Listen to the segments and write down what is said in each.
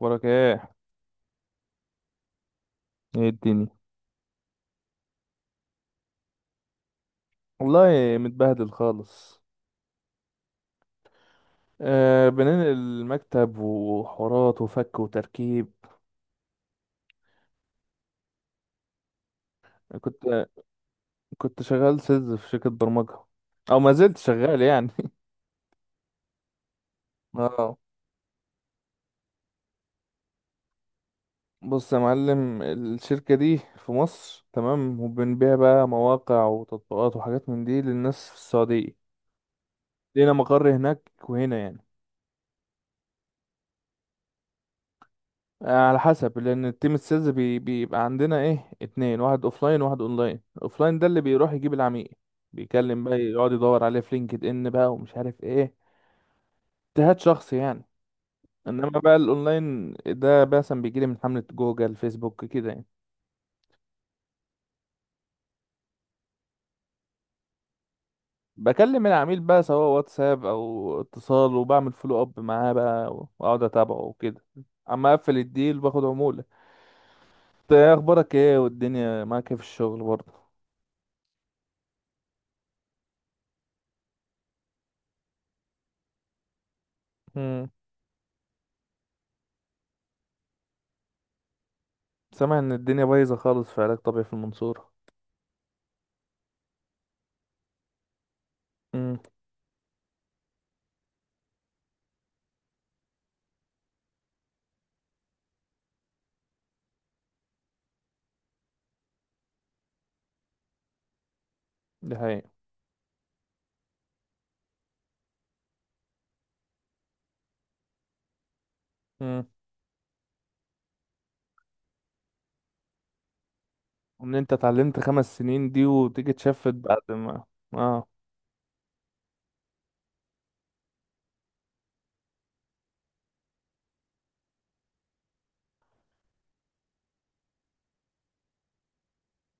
وراك ايه؟ ايه الدنيا؟ والله متبهدل خالص. بننقل المكتب وحوارات وفك وتركيب. كنت كنت شغال سيلز في شركة برمجة، او ما زلت شغال يعني. اه بص يا معلم، الشركة دي في مصر تمام، وبنبيع بقى مواقع وتطبيقات وحاجات من دي للناس في السعودية. لينا مقر هناك وهنا يعني. على حسب، لان التيم السيلز بي بيبقى عندنا ايه اتنين، واحد اوفلاين وواحد اونلاين. اوفلاين ده اللي بيروح يجيب العميل، بيكلم بقى، يقعد يدور عليه في لينكد ان بقى ومش عارف ايه، اجتهاد شخصي يعني. انما بقى الاونلاين ده مثلا بيجيلي من حملة جوجل فيسبوك كده يعني. بكلم العميل بقى سواء واتساب او اتصال، وبعمل فولو اب معاه بقى واقعد اتابعه وكده. اما اقفل الديل باخد عمولة. انت ايه اخبارك، ايه والدنيا معاك ايه في الشغل برضه؟ سامع ان الدنيا بايظه خالص في علاج طبيعي في المنصوره. امم. دي حقيقه. امم. وان انت اتعلمت 5 سنين دي وتيجي تشفت بعد ما... اه.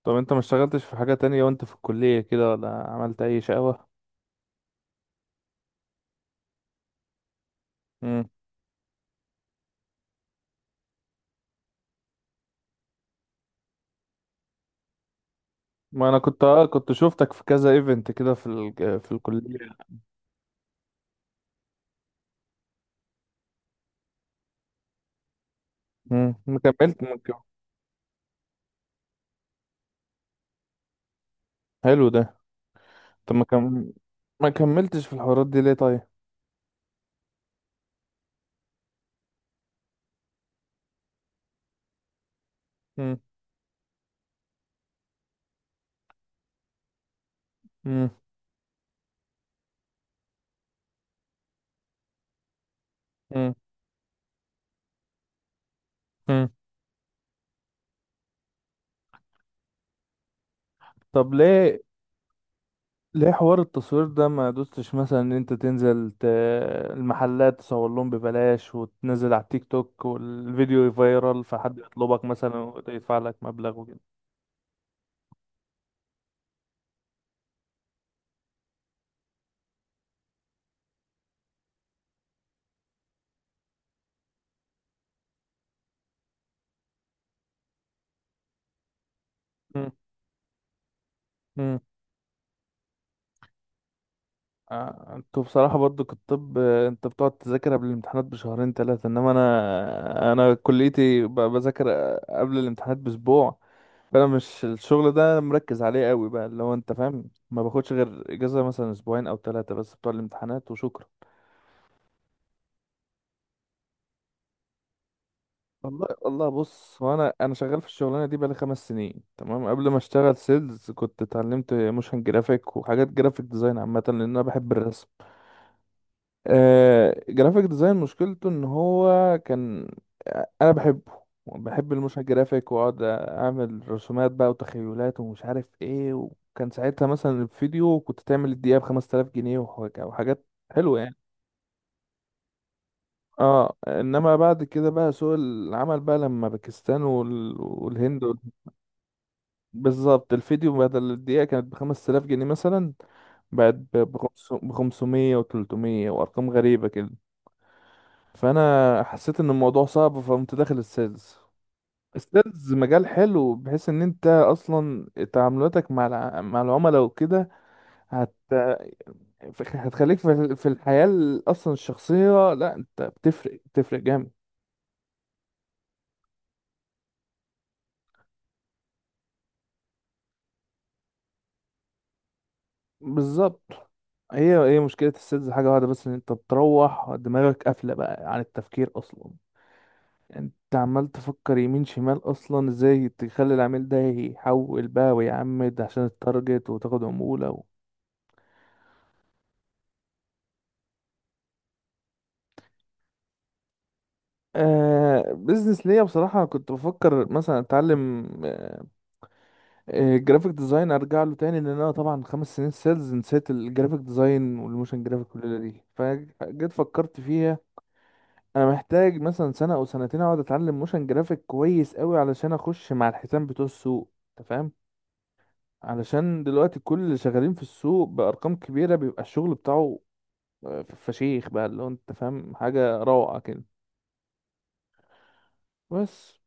طب انت ما اشتغلتش في حاجه تانية وانت في الكليه كده، ولا عملت اي شقاوه؟ امم. ما انا كنت شفتك في كذا ايفنت كده في الكليه. امم. ما كملت ما كم- حلو ده. طب ما كملتش في الحوارات دي ليه طيب؟ امم. امم. امم. امم. طب ليه؟ ليه حوار التصوير ده ما دوستش مثلا ان انت تنزل المحلات تصور لهم ببلاش، وتنزل على التيك توك والفيديو فايرال، فحد يطلبك مثلا ويدفع لك مبلغ وكده. مم. مم. انتوا بصراحة برضو كطب، انت بتقعد تذاكر قبل الامتحانات بشهرين ثلاثة، انما انا كليتي بذاكر قبل الامتحانات باسبوع. فانا مش الشغل ده مركز عليه قوي بقى، لو انت فاهم. ما باخدش غير اجازة مثلا اسبوعين او ثلاثة بس بتوع الامتحانات، وشكرا. والله والله بص، هو انا شغال في الشغلانه دي بقالي 5 سنين تمام. قبل ما اشتغل سيلز كنت اتعلمت موشن جرافيك وحاجات جرافيك ديزاين عامه، لان انا بحب الرسم. جرافيك ديزاين مشكلته ان هو كان... انا بحبه، بحب الموشن جرافيك، واقعد اعمل رسومات بقى وتخيلات ومش عارف ايه. وكان ساعتها مثلا الفيديو كنت تعمل الدقيقه ب 5000 جنيه وحاجات حلوه يعني. اه انما بعد كده بقى سوق العمل بقى لما باكستان والهند... بالظبط، الفيديو بدل الدقيقة كانت ب5000 جنيه مثلا، بقت ب500 و300 وأرقام غريبة كده. فأنا حسيت إن الموضوع صعب، فقمت داخل السيلز. السيلز مجال حلو، بحيث إن أنت أصلا تعاملاتك مع العملاء وكده هت... هتخليك في الحياة أصلا الشخصية، لا أنت بتفرق بتفرق جامد. بالظبط. هي مشكلة السيلز حاجة واحدة بس، إن أنت بتروح دماغك قافلة بقى عن التفكير أصلا. انت عمال تفكر يمين شمال، اصلا ازاي تخلي العميل ده يحول بقى ويعمد عشان التارجت وتاخد عمولة بزنس ليا بصراحة كنت بفكر مثلا اتعلم جرافيك ديزاين، ارجع له تاني، لان انا طبعا 5 سنين سيلز نسيت الجرافيك ديزاين والموشن جرافيك، والليلة دي فجيت فكرت فيها. انا محتاج مثلا سنة او سنتين اقعد اتعلم موشن جرافيك كويس قوي علشان اخش مع الحيتان بتوع السوق. انت فاهم؟ علشان دلوقتي كل اللي شغالين في السوق بأرقام كبيرة بيبقى الشغل بتاعه... فشيخ بقى، اللي هو انت فاهم، حاجة روعة كده. بس.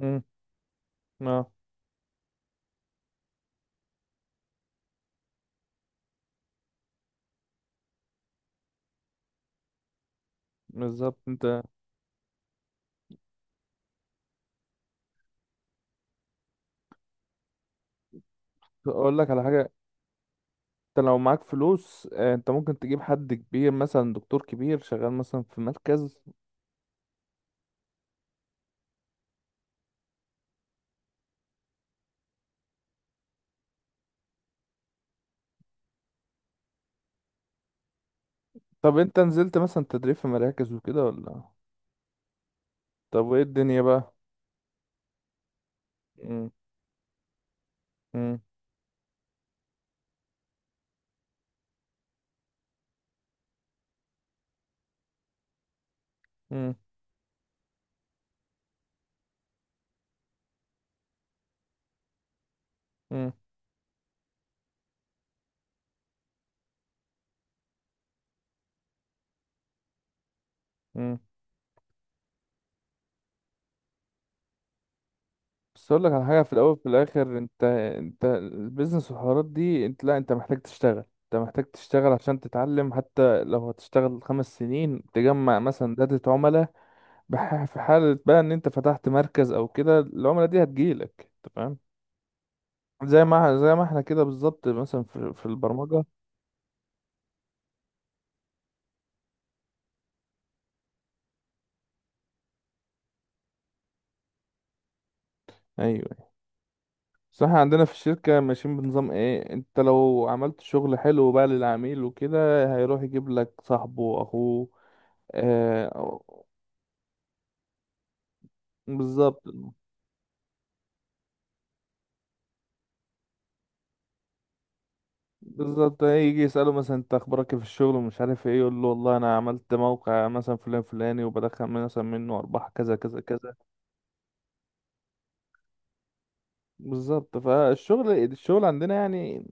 امم. اه. بالظبط. انت اقول لك على حاجة. انت لو معاك فلوس انت ممكن تجيب حد كبير، مثلا دكتور كبير شغال مثلا في مركز. طب انت نزلت مثلا تدريب في مراكز وكده ولا؟ طب وايه الدنيا بقى؟ امم. امم. امم. بس اقول لك على حاجه في الاول وفي الاخر، انت البيزنس والحوارات دي، انت لا، انت محتاج تشتغل عشان تتعلم، حتى لو هتشتغل 5 سنين تجمع مثلا داتا عملاء. في حاله بقى ان انت فتحت مركز او كده، العملاء دي هتجيلك، انت فاهم؟ زي ما احنا كده بالظبط، مثلا في البرمجه. ايوه. بس احنا عندنا في الشركه ماشيين بنظام ايه، انت لو عملت شغل حلو بقى للعميل وكده هيروح يجيب لك صاحبه واخوه. آه، بالظبط. بالظبط، يجي يسأله مثلا انت اخبارك ايه في الشغل ومش عارف ايه، يقول له والله انا عملت موقع مثلا فلان فلاني، وبدخل مثلا منه ارباح كذا كذا كذا. بالظبط. فالشغل عندنا يعني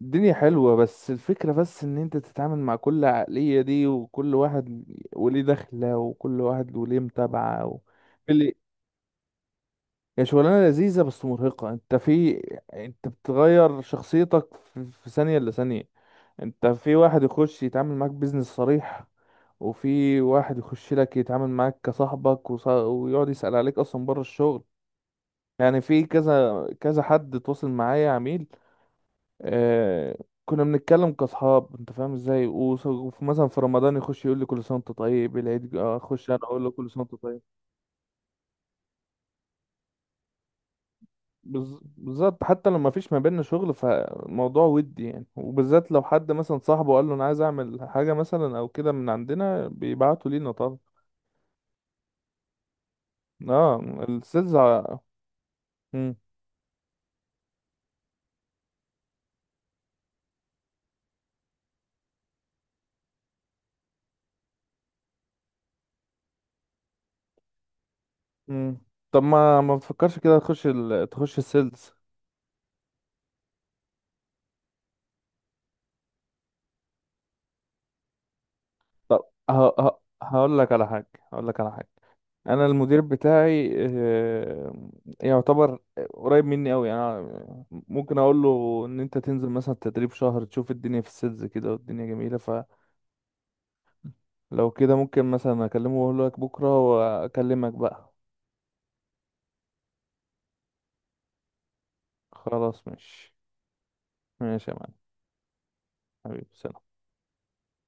الدنيا حلوة، بس الفكرة بس ان انت تتعامل مع كل عقلية دي، وكل واحد وليه دخلة، وكل واحد وليه متابعة اللي هي شغلانة لذيذة بس مرهقة. انت بتغير شخصيتك في ثانية إلا ثانية. انت في واحد يخش يتعامل معاك بيزنس صريح، وفي واحد يخش لك يتعامل معاك كصاحبك ويقعد يسأل عليك اصلا بره الشغل. يعني في كذا كذا حد تواصل معايا عميل، آه... كنا بنتكلم كاصحاب، انت فاهم ازاي، وفي مثلا في رمضان يخش يقول لي كل سنه وانت طيب، العيد اخش انا اقول له كل سنه وانت طيب. بالظبط، حتى لو ما فيش ما بيننا شغل، فالموضوع ودي يعني، وبالذات لو حد مثلا صاحبه قال له انا عايز اعمل حاجه مثلا او كده، من عندنا بيبعتوا لينا طبعا. اه السيلز... مم. طب ما بتفكرش كده تخش السيلز. طب ه... هقول لك على حاجة. هقول لك على حاجة انا المدير بتاعي يعتبر قريب مني قوي يعني، ممكن اقول له ان انت تنزل مثلا تدريب شهر تشوف الدنيا في السيلز كده، والدنيا جميلة. فلو كده ممكن مثلا اكلمه واقول لك بكرة واكلمك بقى. خلاص ماشي. ماشي يا معلم. حبيبي سلام.